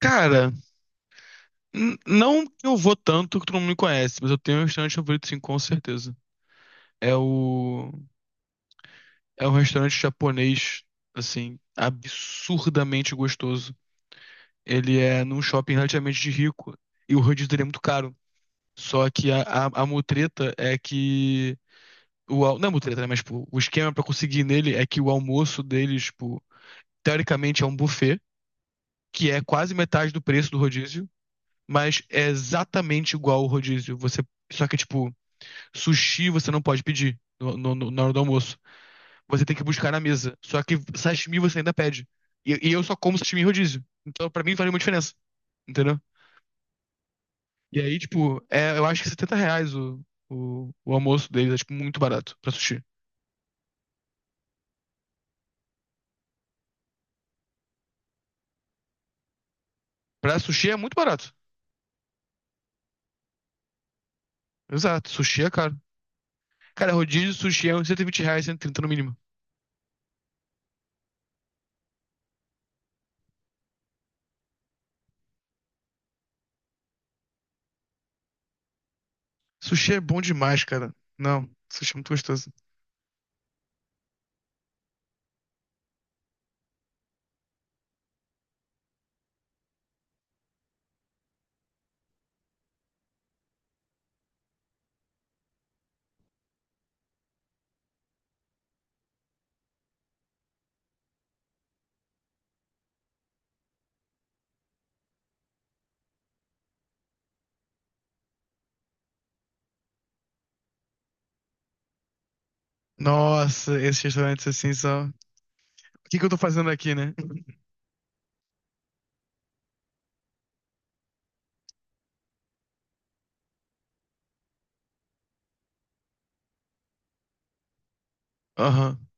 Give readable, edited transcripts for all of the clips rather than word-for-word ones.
Cara, não que eu vou tanto que todo mundo me conhece, mas eu tenho um restaurante favorito, sim, com certeza. É o. É um restaurante japonês, assim, absurdamente gostoso. Ele é num shopping relativamente de rico e o rodízio dele é muito caro. Só que a mutreta é que. Não é mutreta, né? Mas, tipo, o esquema pra conseguir nele é que o almoço deles, tipo, teoricamente é um buffet, que é quase metade do preço do rodízio, mas é exatamente igual ao rodízio. Você. Só que, tipo. Sushi você não pode pedir na hora do almoço. Você tem que buscar na mesa. Só que sashimi você ainda pede. E eu só como sashimi em rodízio. Então, pra mim, faz uma diferença. Entendeu? E aí, tipo, é, eu acho que R$ 70 o almoço deles é, tipo, muito barato pra sushi. Pra sushi é muito barato. Exato. Sushi é caro. Cara, rodízio, sushi é uns R$ 120, 130 no mínimo. Sushi é bom demais, cara. Não, sushi é muito gostoso. Nossa, esses restaurantes assim são. O que que eu tô fazendo aqui, né? Aham.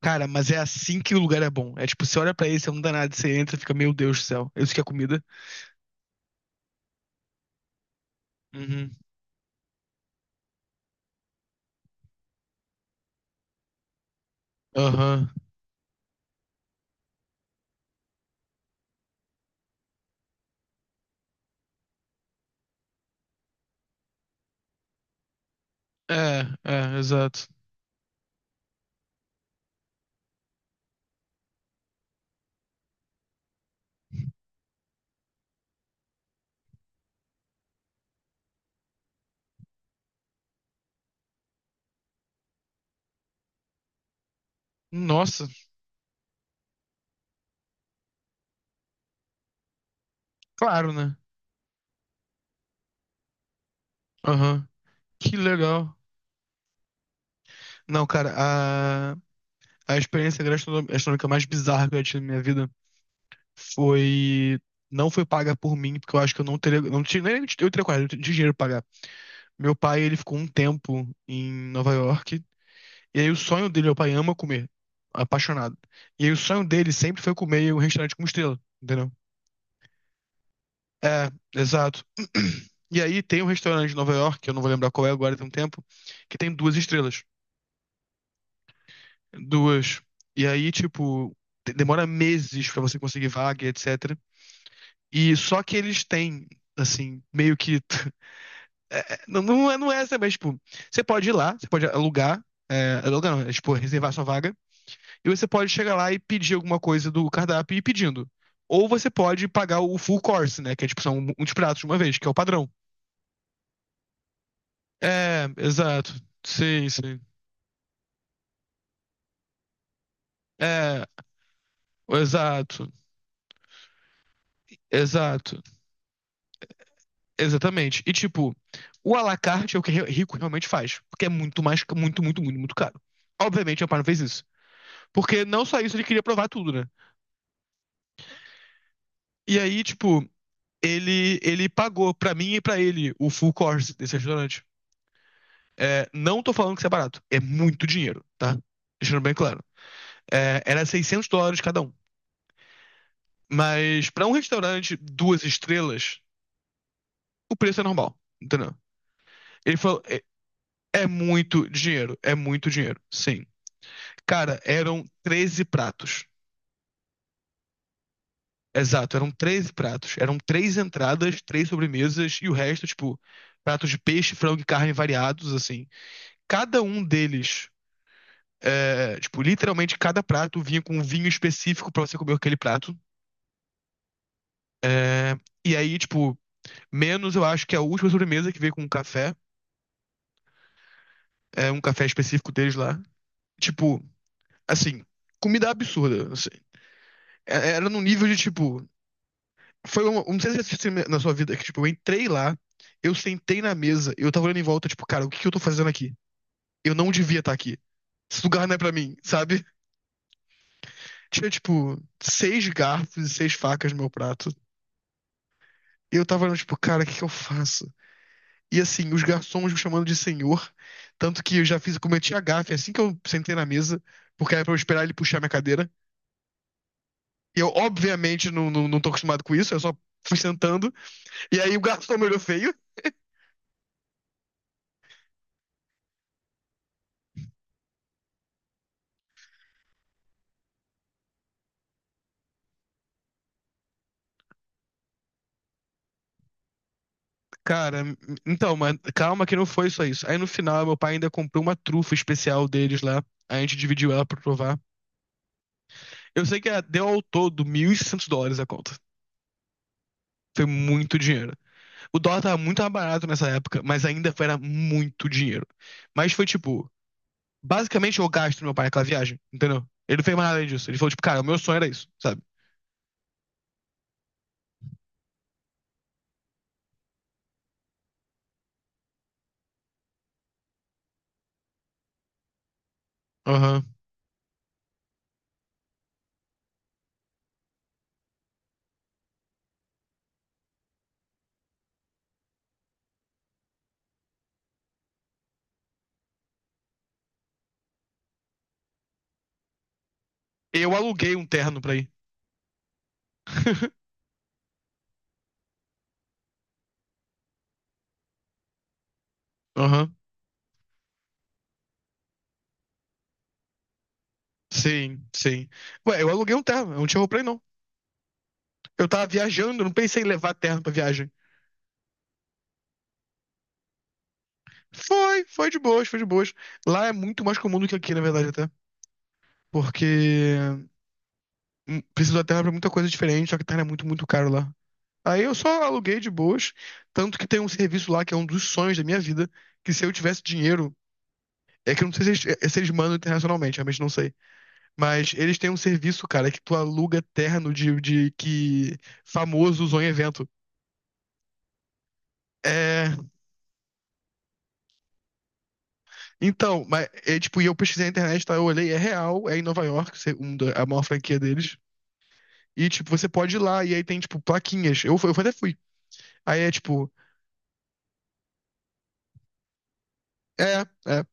Cara, mas é assim que o lugar é bom. É tipo, você olha pra ele, você não dá nada, você entra e fica, meu Deus do céu, isso que é comida? Uhum. Aham. É, é, exato. Nossa, claro, né? Aham. Que legal. Não, cara, a experiência gastronômica mais bizarra que eu tive na minha vida foi. Não foi paga por mim, porque eu acho que eu não teria. Não tinha, nem eu teria coragem, eu não tinha dinheiro pra pagar. Meu pai, ele ficou um tempo em Nova York. E aí o sonho dele, meu pai ama comer, apaixonado. E aí o sonho dele sempre foi comer em um restaurante com estrela, entendeu? É, exato. E aí tem um restaurante em Nova York, que eu não vou lembrar qual é agora, tem um tempo, que tem duas estrelas. Duas. E aí, tipo, demora meses pra você conseguir vaga, e etc. E só que eles têm, assim, meio que. É, é, não, não é essa, mas, tipo, você pode ir lá, você pode alugar, é, alugar não, é, tipo, reservar sua vaga. E você pode chegar lá e pedir alguma coisa do cardápio e ir pedindo. Ou você pode pagar o full course, né? Que é tipo, são uns pratos de uma vez, que é o padrão. É, exato. Sim, sim. É, exato. Exato. Exatamente. E tipo, o à la carte é o que rico realmente faz. Porque é muito mais, muito, muito, muito, muito caro. Obviamente, o pai não fez isso. Porque não só isso, ele queria provar tudo, né? E aí, tipo, ele pagou pra mim e pra ele o full course desse restaurante. É, não tô falando que isso é barato. É muito dinheiro, tá? Deixando bem claro. É, era US$ 600 cada um. Mas pra um restaurante duas estrelas, o preço é normal, entendeu? Ele falou, é, é muito dinheiro, sim. Cara, eram 13 pratos. Exato, eram 13 pratos. Eram três entradas, três sobremesas e o resto, tipo, pratos de peixe, frango e carne variados, assim. Cada um deles, é, tipo, literalmente cada prato vinha com um vinho específico pra você comer aquele prato. E aí, tipo, menos eu acho que é a última sobremesa que veio com um café, é um café específico deles lá. Tipo, assim, comida absurda, assim. É- Era num nível de, tipo, foi uma, não sei se você tem na sua vida, que, tipo, eu entrei lá, eu sentei na mesa, eu tava olhando em volta, tipo, cara, o que que eu tô fazendo aqui? Eu não devia estar aqui. Esse lugar não é pra mim, sabe? Tinha, tipo, seis garfos e seis facas no meu prato. E eu tava olhando, tipo, cara, o que que eu faço? E assim, os garçons me chamando de senhor. Tanto que eu já fiz, eu cometi a gafe assim que eu sentei na mesa, porque era pra eu esperar ele puxar minha cadeira. Eu, obviamente, não, não, não tô acostumado com isso, eu só fui sentando. E aí o garçom me olhou feio. Cara, então, mas calma que não foi só isso. Aí no final, meu pai ainda comprou uma trufa especial deles lá. A gente dividiu ela pra provar. Eu sei que ah, deu ao todo US$ 1.600 a conta. Foi muito dinheiro. O dólar tava muito mais barato nessa época, mas ainda foi, era muito dinheiro. Mas foi tipo. Basicamente, eu gasto meu pai aquela viagem, entendeu? Ele não fez mais nada além disso. Ele falou, tipo, cara, o meu sonho era isso, sabe? Aham. Eu aluguei um terno pra ir. Aham. Sim, sim. Ué, eu aluguei um terno, eu não tinha roupa pra ir, não. Eu tava viajando, eu não pensei em levar terno pra viagem. Foi, foi de boas, foi de boas. Lá é muito mais comum do que aqui, na verdade, até. Porque precisa da terra pra muita coisa diferente, só que terra é muito, muito caro lá. Aí eu só aluguei de boas, tanto que tem um serviço lá que é um dos sonhos da minha vida, que se eu tivesse dinheiro. É que eu não sei se eles, é, se eles mandam internacionalmente, realmente não sei. Mas eles têm um serviço, cara, que tu aluga terno de que famoso usou em evento. É, então, mas é, tipo, e eu pesquisei na internet, tá? Eu olhei, é real, é em Nova York, a maior franquia deles. E, tipo, você pode ir lá, e aí tem, tipo, plaquinhas. Eu, eu até fui. Aí é tipo, é, é.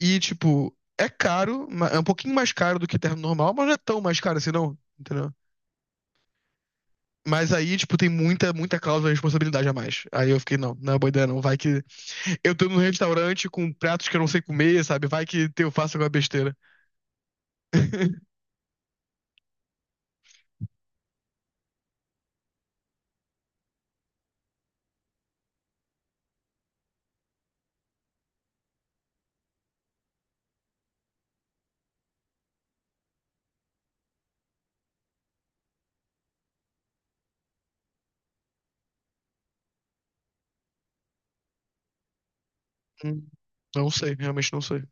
E, tipo, é caro, é um pouquinho mais caro do que terno normal, mas não é tão mais caro assim, não. Entendeu? Mas aí, tipo, tem muita, muita cláusula de responsabilidade a mais. Aí eu fiquei, não, não é boa ideia, não. Vai que eu tô num restaurante com pratos que eu não sei comer, sabe? Vai que eu faço alguma besteira. Hum, não sei, realmente não sei.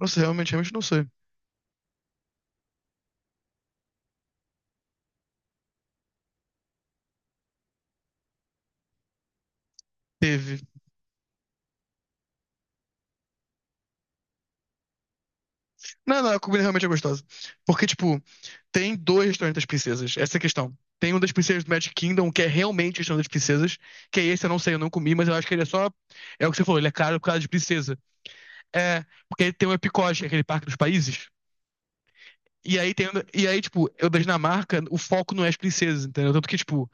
Nossa, realmente, realmente não sei. Teve. Não, não, a comida realmente é gostosa. Porque, tipo, tem dois restaurantes das princesas, essa é a questão. Tem um das princesas do Magic Kingdom, que é realmente o restaurante das princesas, que é esse, eu não sei, eu não comi, mas eu acho que ele é só. É o que você falou, ele é caro por causa de princesa. É, porque tem o Epicote, que é aquele parque dos países. E aí tem. E aí, tipo, eu da Dinamarca, o foco não é as princesas, entendeu? Tanto que, tipo,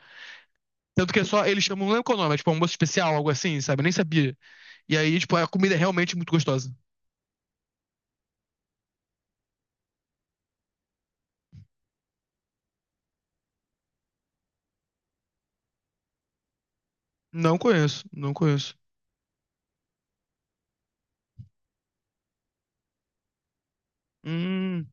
tanto que é só. Eles chamam, não lembro qual é o nome, é tipo um almoço especial, algo assim, sabe? Eu nem sabia. E aí, tipo, a comida é realmente muito gostosa. Não conheço, não conheço. Hum.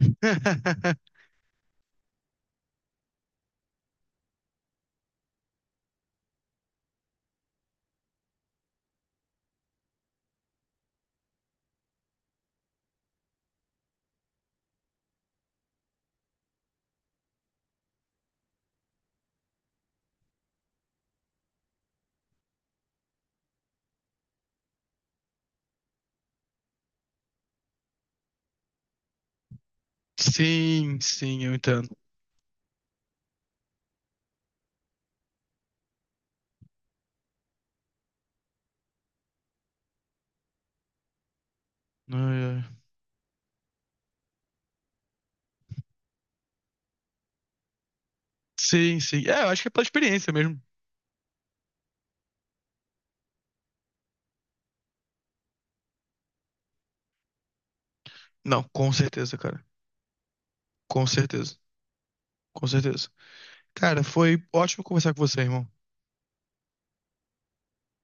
Sim, sim, eu entendo. Ai, ai. Sim, sim. É, eu acho que é pela experiência mesmo. Não, com certeza, cara. Com certeza. Com certeza. Cara, foi ótimo conversar com você, irmão.